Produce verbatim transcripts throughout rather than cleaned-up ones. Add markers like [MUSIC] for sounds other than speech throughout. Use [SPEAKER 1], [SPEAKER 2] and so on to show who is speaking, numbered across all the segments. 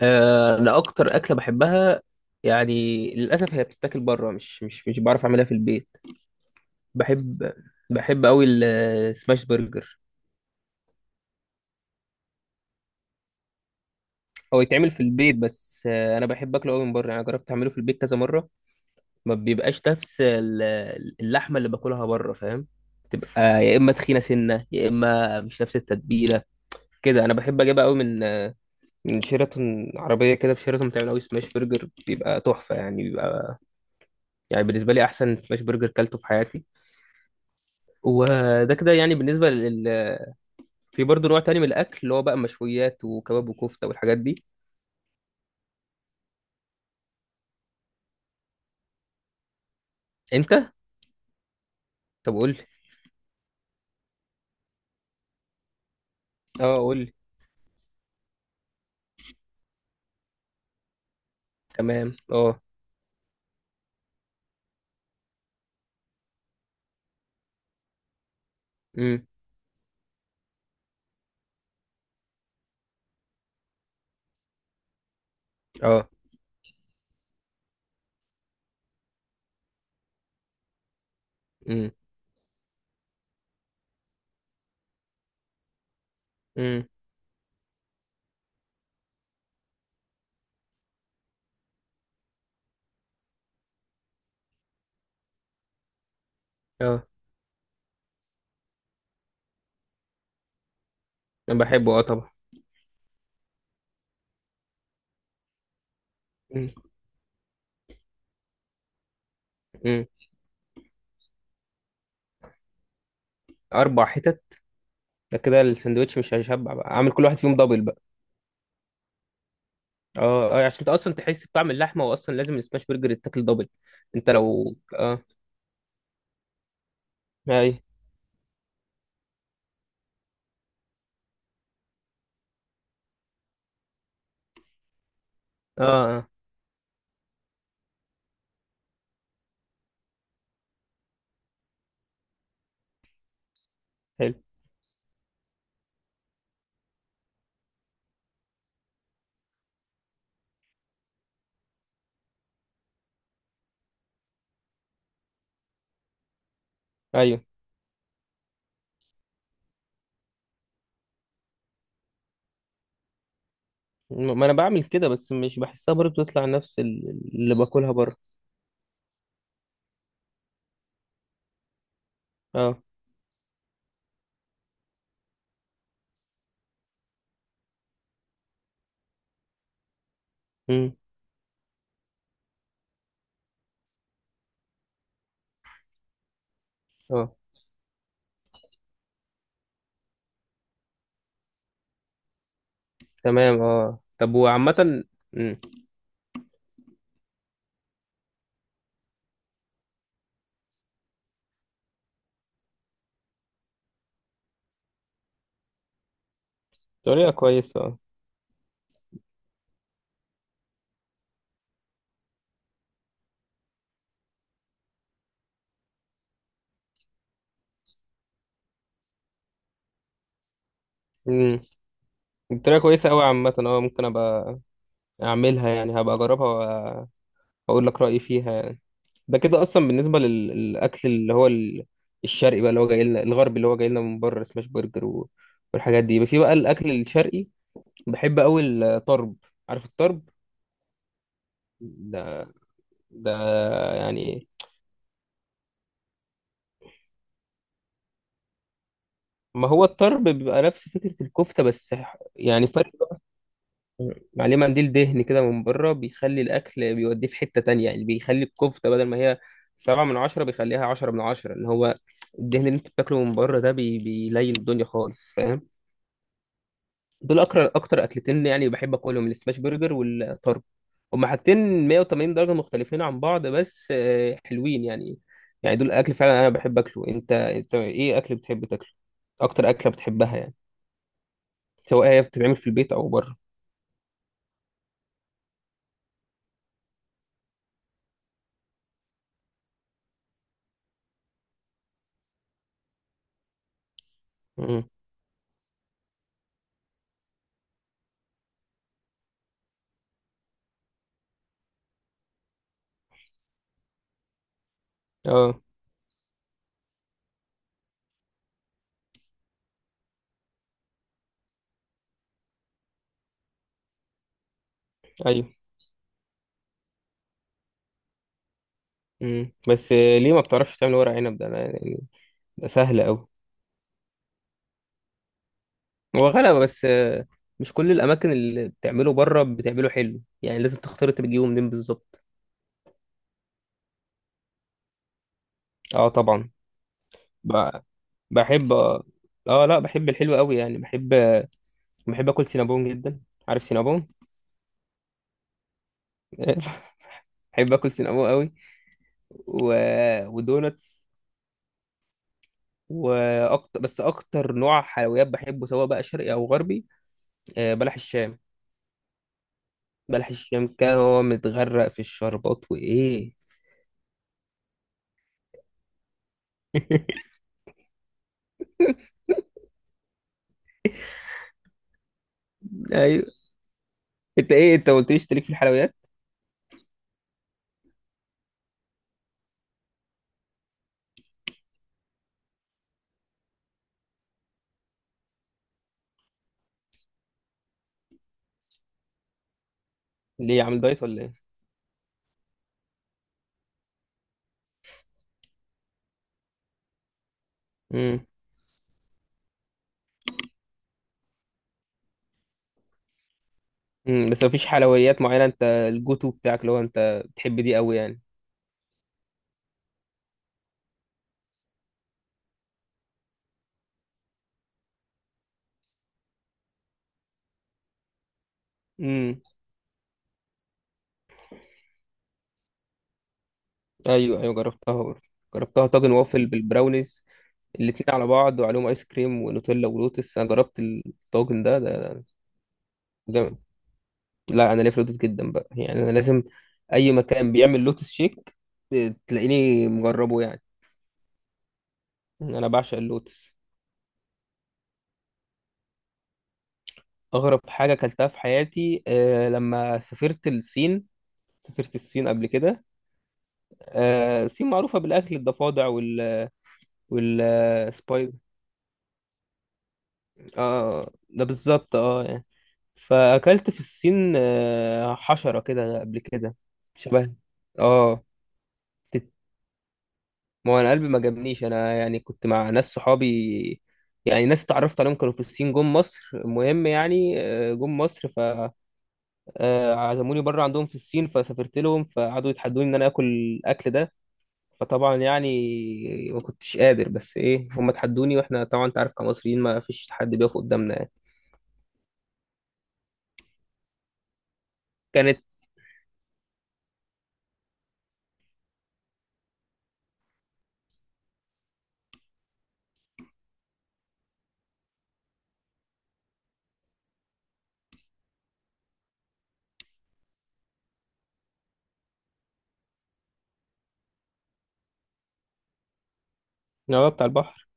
[SPEAKER 1] آه، انا اكتر اكله بحبها. يعني للاسف هي بتتاكل بره، مش مش مش بعرف اعملها في البيت. بحب بحب قوي السماش برجر. هو يتعمل في البيت، بس آه، انا بحب اكله قوي من بره. انا جربت اعمله في البيت كذا مره، ما بيبقاش نفس ال- اللحمه اللي باكلها بره، فاهم؟ تبقى يا اما تخينه سنه، يا اما مش نفس التتبيله. كده انا بحب اجيبها قوي من آه، من شيراتون عربيه كده. في شيراتون بتعمل قوي سماش برجر، بيبقى تحفه. يعني بيبقى يعني بالنسبه لي احسن سماش برجر كلته في حياتي. وده كده يعني بالنسبة لل... في برضه نوع تاني من الأكل اللي هو بقى مشويات وكباب وكفتة والحاجات دي. أنت؟ طب قول لي. أه، قول لي. تمام أه. أمم. أه. أمم. أمم. أه، أنا بحبه أه طبعا. أمم. أمم. أربع حتت؟ ده كده السندوتش مش هيشبع بقى، عامل كل واحد فيهم دبل بقى. أه أه، عشان أنت أصلا تحس بطعم اللحمة، وأصلا لازم السماش برجر يتاكل دبل. أنت لو أه، أي. أه أه، حلو. أيوه. ما أنا بعمل كده، بس مش بحسها برضه تطلع نفس ال- اللي باكلها بره. أه. امم. اه تمام اه. طب وعامة، امم. طريقة كويسة اه. امم. الطريقة كويسة أوي عامة اه، ممكن أبقى أعملها يعني، هبقى أجربها وأ- وأقول لك رأيي فيها يعني. ده كده أصلا بالنسبة لل- للأكل اللي هو ال- الشرقي بقى، اللي هو جاي لنا، الغربي اللي هو جاي لنا من بره سماش برجر و- والحاجات دي، يبقى في بقى الأكل الشرقي. بحب أوي الطرب، عارف الطرب؟ ده ده يعني. ما هو الطرب بيبقى نفس فكرة الكفتة، بس ح- يعني فرق. عليه منديل دهن كده من بره، بيخلي الأكل بيوديه في حتة تانية، يعني بيخلي الكفتة بدل ما هي سبعة من عشرة، بيخليها عشرة من عشرة. اللي هو الدهن اللي انت بتاكله من بره ده بي... بيليل الدنيا خالص، فاهم؟ دول أكتر أكتر أكلتين يعني بحب أكلهم، السماش برجر والطرب. هما حاجتين مية وتمانين درجة مختلفين عن بعض، بس آه، حلوين يعني. يعني دول الأكل فعلا أنا بحب أكله. أنت أنت إيه أكل بتحب تاكله؟ أكتر أكلة بتحبها يعني، سواء هي بتتعمل في البيت أو بره. مم. اه ايوه. مم. بس آه، ليه ما بتعرفش تعمل ورق عنب ده؟ أنا يعني ده سهل أوي. هو غلبة، بس آه، مش كل الأماكن اللي بتعمله بره بتعمله حلو يعني، لازم تختار أنت بتجيبه منين بالظبط. أه طبعا. ب- بحب أه. آه، لا بحب الحلو أوي يعني، بحب. بحب آكل سينابون جدا، عارف سينابون؟ [LAUGHS] بحب آكل سينابون أوي و... ودوناتس. وأكتر، بس أكتر نوع حلويات بحبه سواء بقى شرقي أو غربي، آه، بلح الشام. بلح الشام كان هو متغرق في الشربات وايه. [LAUGHS] ايوه. انت ايه، انت ما قلتليش تليك في الحلويات؟ ليه، عامل دايت ولا ايه؟ امم. امم. بس مفيش حلويات معينه انت الجوتو بتاعك اللي هو انت بتحب دي قوي يعني؟ امم. ايوه ايوه، جربتها برضه. جربتها طاجن وافل بالبراونيز، الاتنين على بعض وعليهم ايس كريم ونوتيلا ولوتس. انا جربت الطاجن ده، ده ده جامد. لا، انا ليا في لوتس جدا بقى، يعني انا لازم اي مكان بيعمل لوتس شيك آه، تلاقيني مجربه يعني. انا بعشق اللوتس. أغرب حاجة أكلتها في حياتي، أه لما سافرت الصين. سافرت الصين قبل كده. أه، الصين معروفة بالأكل، الضفادع وال والسبايد. اه ده بالظبط، اه يعني. فأكلت في الصين آه، حشرة كده قبل كده، شبه. اه. تت- ما هو أنا قلبي ما جابنيش، أنا يعني كنت مع ناس صحابي. يعني ناس اتعرفت عليهم كانوا في الصين جم مصر، المهم يعني آه، جم مصر. آه، عزموني بره عندهم في الصين، فسافرت لهم، فقعدوا يتحدوني ان انا اكل الاكل ده. فطبعا يعني ما كنتش قادر، بس ايه، هم تحدوني، واحنا طبعا انت عارف كمصريين ما فيش حد بيقف قدامنا يعني. كانت. اه بتاع البحر.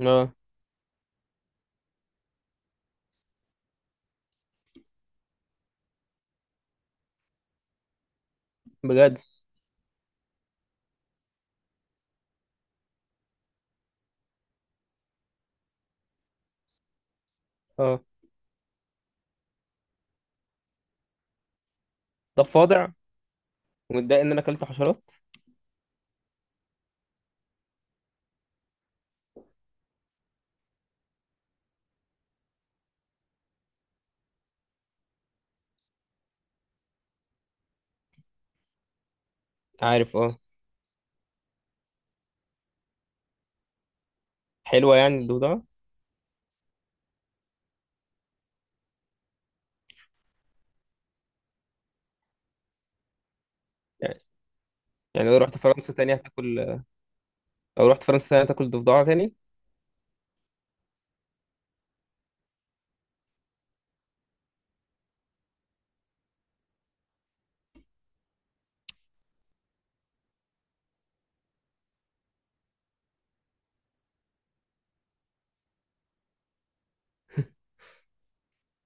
[SPEAKER 1] اه. بجد. اه. طب فاضع، ومتضايق ان انا اكلت حشرات؟ عارف اه، حلوه يعني الضفدعه؟ يعني. يعني لو رحت فرنسا تاني هتاكل؟ لو رحت فرنسا تاني هتاكل ضفدعه تاني؟